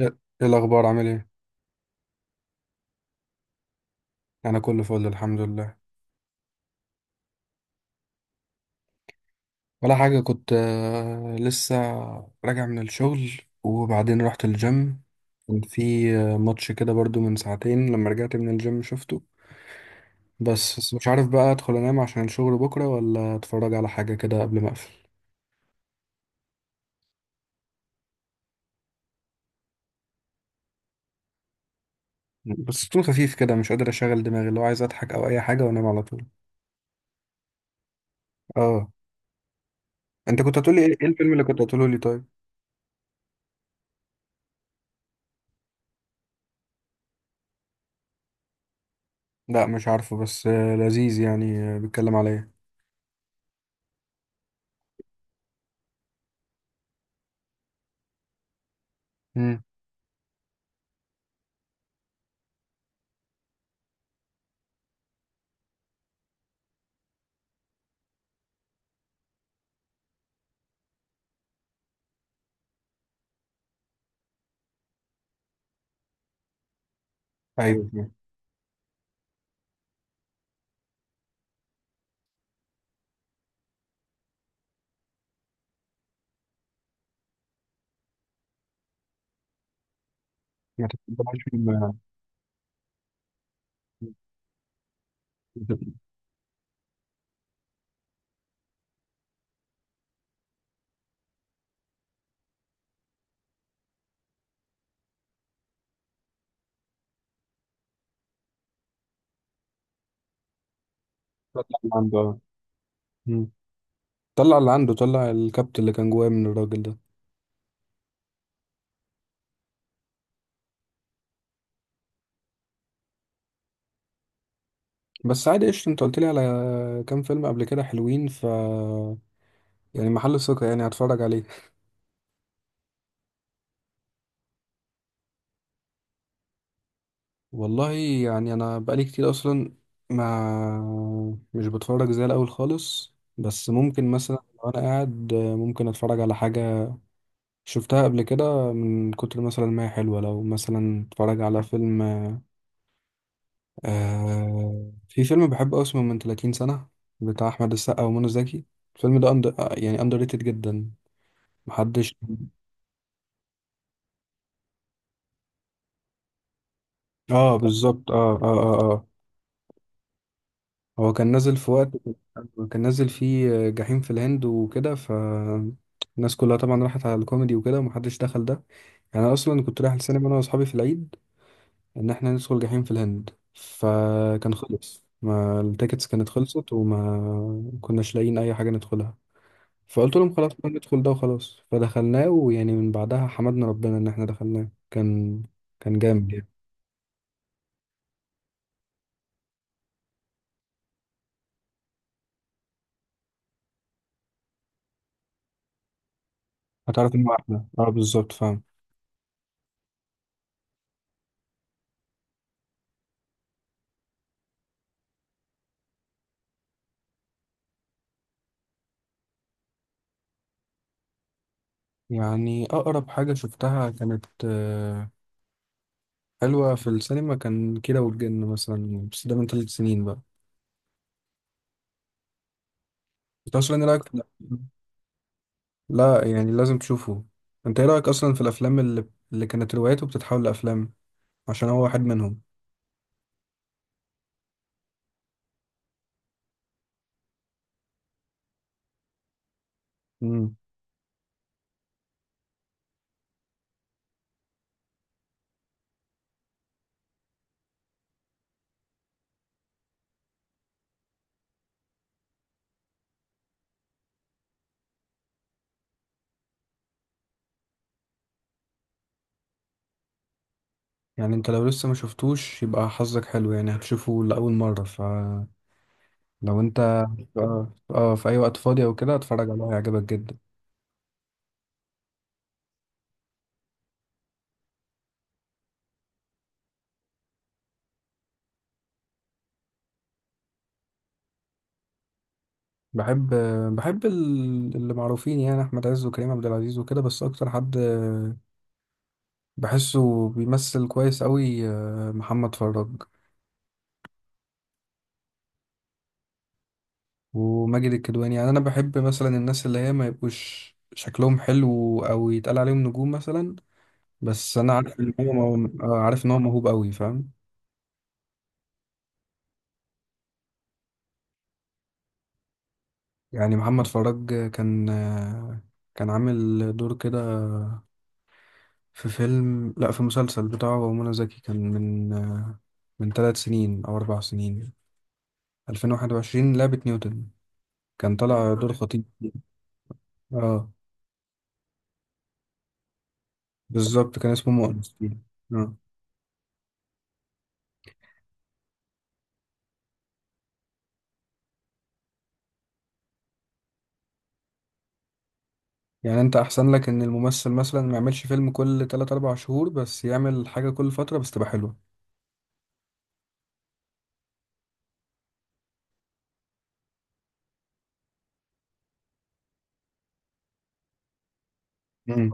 ايه إيه الاخبار، عامل ايه؟ انا كله فل الحمد لله. ولا حاجه، كنت لسه راجع من الشغل، وبعدين رحت الجيم. كان في ماتش كده برضو من ساعتين، لما رجعت من الجيم شفته. بس مش عارف بقى ادخل انام عشان الشغل بكره ولا اتفرج على حاجه كده قبل ما اقفل. بس طول خفيف كده، مش قادر اشغل دماغي، اللي هو عايز اضحك او اي حاجه وانام على طول. اه. انت كنت هتقولي ايه؟ إيه الفيلم اللي كنت هتقوله لي طيب؟ لا مش عارفه، بس لذيذ يعني. بيتكلم على ايه؟ امم. ايوه. ما تطلعش ما تطلع. اللي عنده آه. مم. طلع اللي عنده، طلع الكبت اللي كان جواه من الراجل ده. بس عادي قشطة، انت قلت لي على كام فيلم قبل كده حلوين، ف يعني محل ثقة، يعني هتفرج عليه. والله يعني انا بقالي كتير اصلا ما مش بتفرج زي الاول خالص، بس ممكن مثلا لو انا قاعد ممكن اتفرج على حاجة شفتها قبل كده من كتر مثلا ما هي حلوة. لو مثلا اتفرج على فيلم، في فيلم بحبه أوي، اسمه من 30 سنة، بتاع أحمد السقا ومنى زكي. الفيلم ده يعني أندر ريتد جدا. محدش. اه بالظبط، اه اه اه اه. هو كان نازل في وقت كان نازل فيه جحيم في الهند وكده، ف الناس كلها طبعا راحت على الكوميدي وكده ومحدش دخل ده. يعني أنا أصلا كنت رايح السينما أنا وأصحابي في العيد إن إحنا ندخل جحيم في الهند، فكان خلص، ما التيكتس كانت خلصت وما كناش لاقيين أي حاجة ندخلها. فقلت لهم خلاص بقى ندخل ده وخلاص، فدخلناه. ويعني من بعدها حمدنا ربنا ان احنا دخلناه، كان كان جامد يعني. هتعرف انه احلى، اه بالظبط فاهم. يعني اقرب حاجة شفتها كانت حلوة في السينما، كان كيرة والجن مثلا، بس ده من 3 سنين بقى. انت اصلا ايه رايك في الأفلام؟ لا يعني لازم تشوفه. انت ايه رايك اصلا في الافلام اللي كانت روايته بتتحول لافلام؟ عشان هو واحد منهم. امم. يعني انت لو لسه ما شفتوش يبقى حظك حلو، يعني هتشوفه لاول مرة. ف لو انت اه اه في اي وقت فاضي او كده اتفرج عليه، هيعجبك جدا. بحب بحب اللي معروفين يعني احمد عز وكريم عبد العزيز وكده. بس اكتر حد بحسه بيمثل كويس قوي محمد فراج وماجد الكدواني. يعني انا بحب مثلا الناس اللي هي ما يبقوش شكلهم حلو او يتقال عليهم نجوم مثلا، بس انا عارف ان هو عارف ان هو موهوب قوي فاهم. يعني محمد فراج كان عامل دور كده في فيلم، لا، في مسلسل بتاعه هو منى زكي، كان من من 3 سنين أو 4 سنين، 2021، لعبة نيوتن. كان طالع دور عارف، خطيب فيه. اه بالظبط، كان اسمه مؤنس فيه. اه. يعني انت احسن لك ان الممثل مثلا ما يعملش فيلم كل 3 4 شهور، بس يعمل حاجة كل فترة بس تبقى حلوة. امم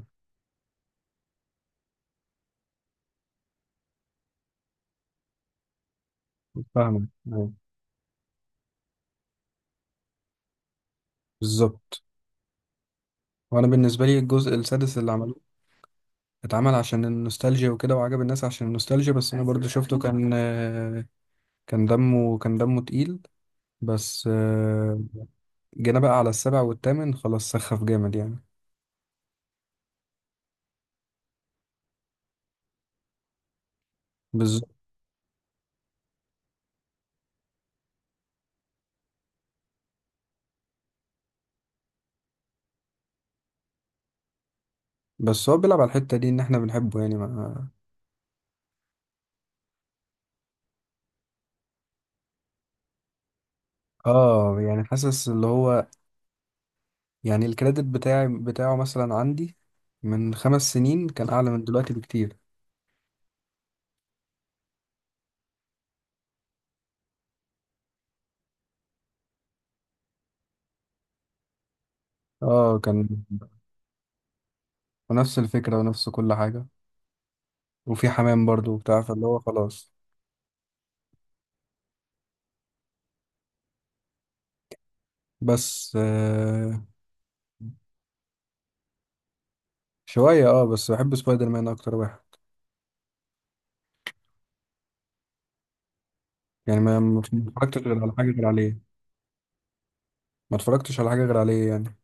فاهمك، أيوة. بالظبط. وانا بالنسبة لي الجزء السادس اللي عملوه اتعمل عشان النوستالجيا وكده، وعجب الناس عشان النوستالجيا، بس انا برضو شفته كان كان دمه تقيل. بس آه، جينا بقى على السابع والثامن، خلاص سخف جامد يعني. بس بس هو بيلعب على الحتة دي ان احنا بنحبه، يعني ما. اه يعني حاسس اللي هو يعني الكريدت بتاعي بتاعه مثلا عندي من 5 سنين كان اعلى من دلوقتي بكتير. اه كان. ونفس الفكرة ونفس كل حاجة، وفي حمام برضو وبتاع، فاللي هو خلاص. بس آه. شوية اه، بس بحب سبايدر مان اكتر واحد يعني، ما اتفرجتش غير على حاجة غير عليه، ما اتفرجتش على حاجة غير عليه يعني.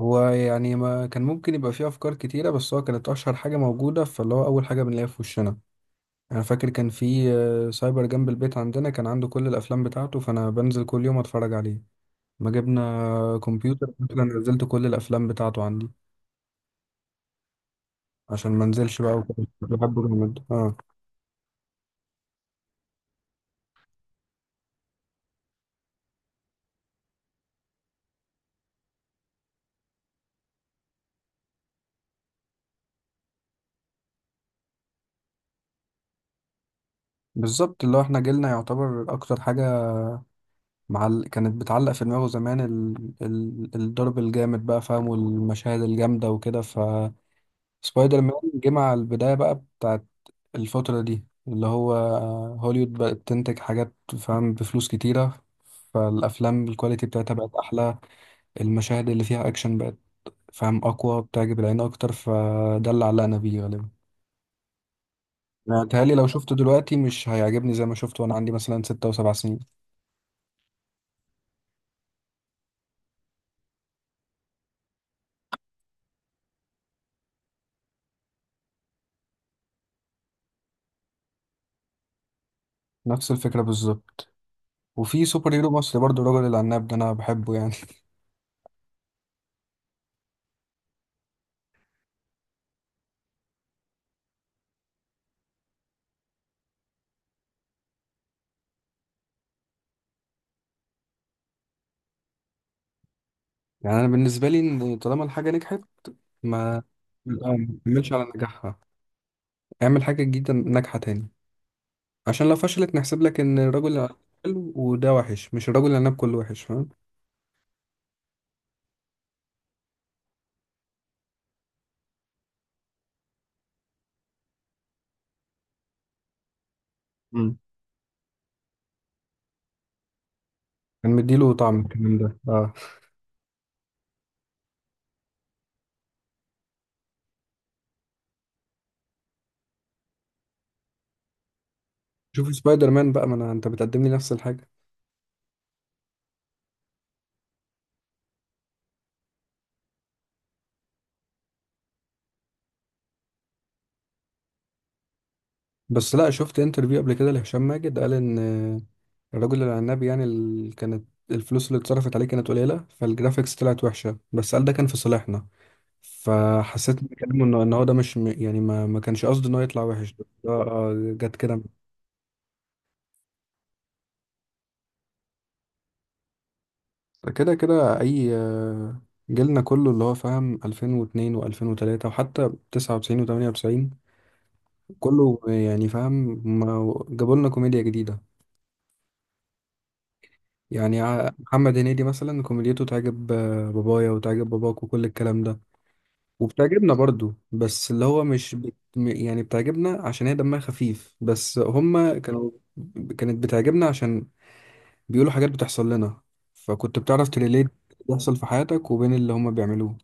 هو يعني ما كان ممكن يبقى فيه أفكار كتيرة، بس هو كانت أشهر حاجة موجودة فاللي هو أول حاجة بنلاقيها في وشنا. أنا فاكر كان في سايبر جنب البيت عندنا، كان عنده كل الأفلام بتاعته، فأنا بنزل كل يوم أتفرج عليه. ما جبنا كمبيوتر، أنا نزلت كل الأفلام بتاعته عندي عشان ما انزلش بقى وكده. كنت بحبه جامد، اه. بالظبط، اللي هو احنا جيلنا يعتبر أكتر حاجة كانت بتعلق في دماغه زمان، الضرب الجامد بقى فاهم والمشاهد الجامدة وكده. سبايدر مان جه مع البداية بقى بتاعت الفترة دي، اللي هو هوليوود بقت تنتج حاجات فاهم بفلوس كتيرة، فالأفلام الكواليتي بتاعتها بقت أحلى، المشاهد اللي فيها أكشن بقت فاهم أقوى، بتعجب العين أكتر، فده اللي علقنا بيه غالبا. يعني متهيألي لو شفته دلوقتي مش هيعجبني زي ما شفته وأنا عندي مثلا 6 و7 سنين. نفس الفكرة بالظبط. وفي سوبر هيرو مصري برضه الراجل العناب ده، أنا بحبه يعني. يعني أنا بالنسبة لي إن طالما الحاجة نجحت ما آه، ما نكملش على نجاحها، اعمل حاجة جديدة ناجحة تاني. عشان لو فشلت نحسب لك ان الراجل اللي عمل حلو وده وحش، مش الراجل اللي عناب كله وحش فاهم. مم. كان مديله طعم الكلام ده، اه. شوف سبايدر مان بقى، ما أنا... انت بتقدم لي نفس الحاجة. بس لا، شفت انترفيو قبل كده لهشام ماجد قال ان الراجل العناب يعني كانت الفلوس اللي اتصرفت عليه كانت قليلة، فالجرافيكس طلعت وحشة، بس قال ده كان في صالحنا. فحسيت من كلامه انه إن هو ده مش م- يعني ما كانش قصده انه يطلع وحش، ده ده، آه، جت كده. كده كده اي جيلنا كله اللي هو فاهم 2002 و2003 وحتى 99 و98، كله يعني فاهم، ما جابوا لنا كوميديا جديدة. يعني محمد هنيدي مثلا كوميديته تعجب بابايا وتعجب باباك وكل الكلام ده، وبتعجبنا برضو، بس اللي هو مش بت... م- يعني بتعجبنا عشان هي دمها خفيف، بس هما كانوا كانت بتعجبنا عشان بيقولوا حاجات بتحصل لنا، فكنت بتعرف تريليت بيحصل في حياتك وبين اللي هما بيعملوه.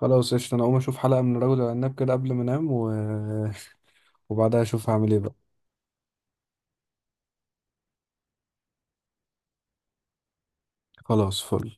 خلاص قشطة، أنا أقوم أشوف حلقة من رجل العناب كده قبل ما أنام و... وبعدها أشوف هعمل إيه بقى. خلاص فل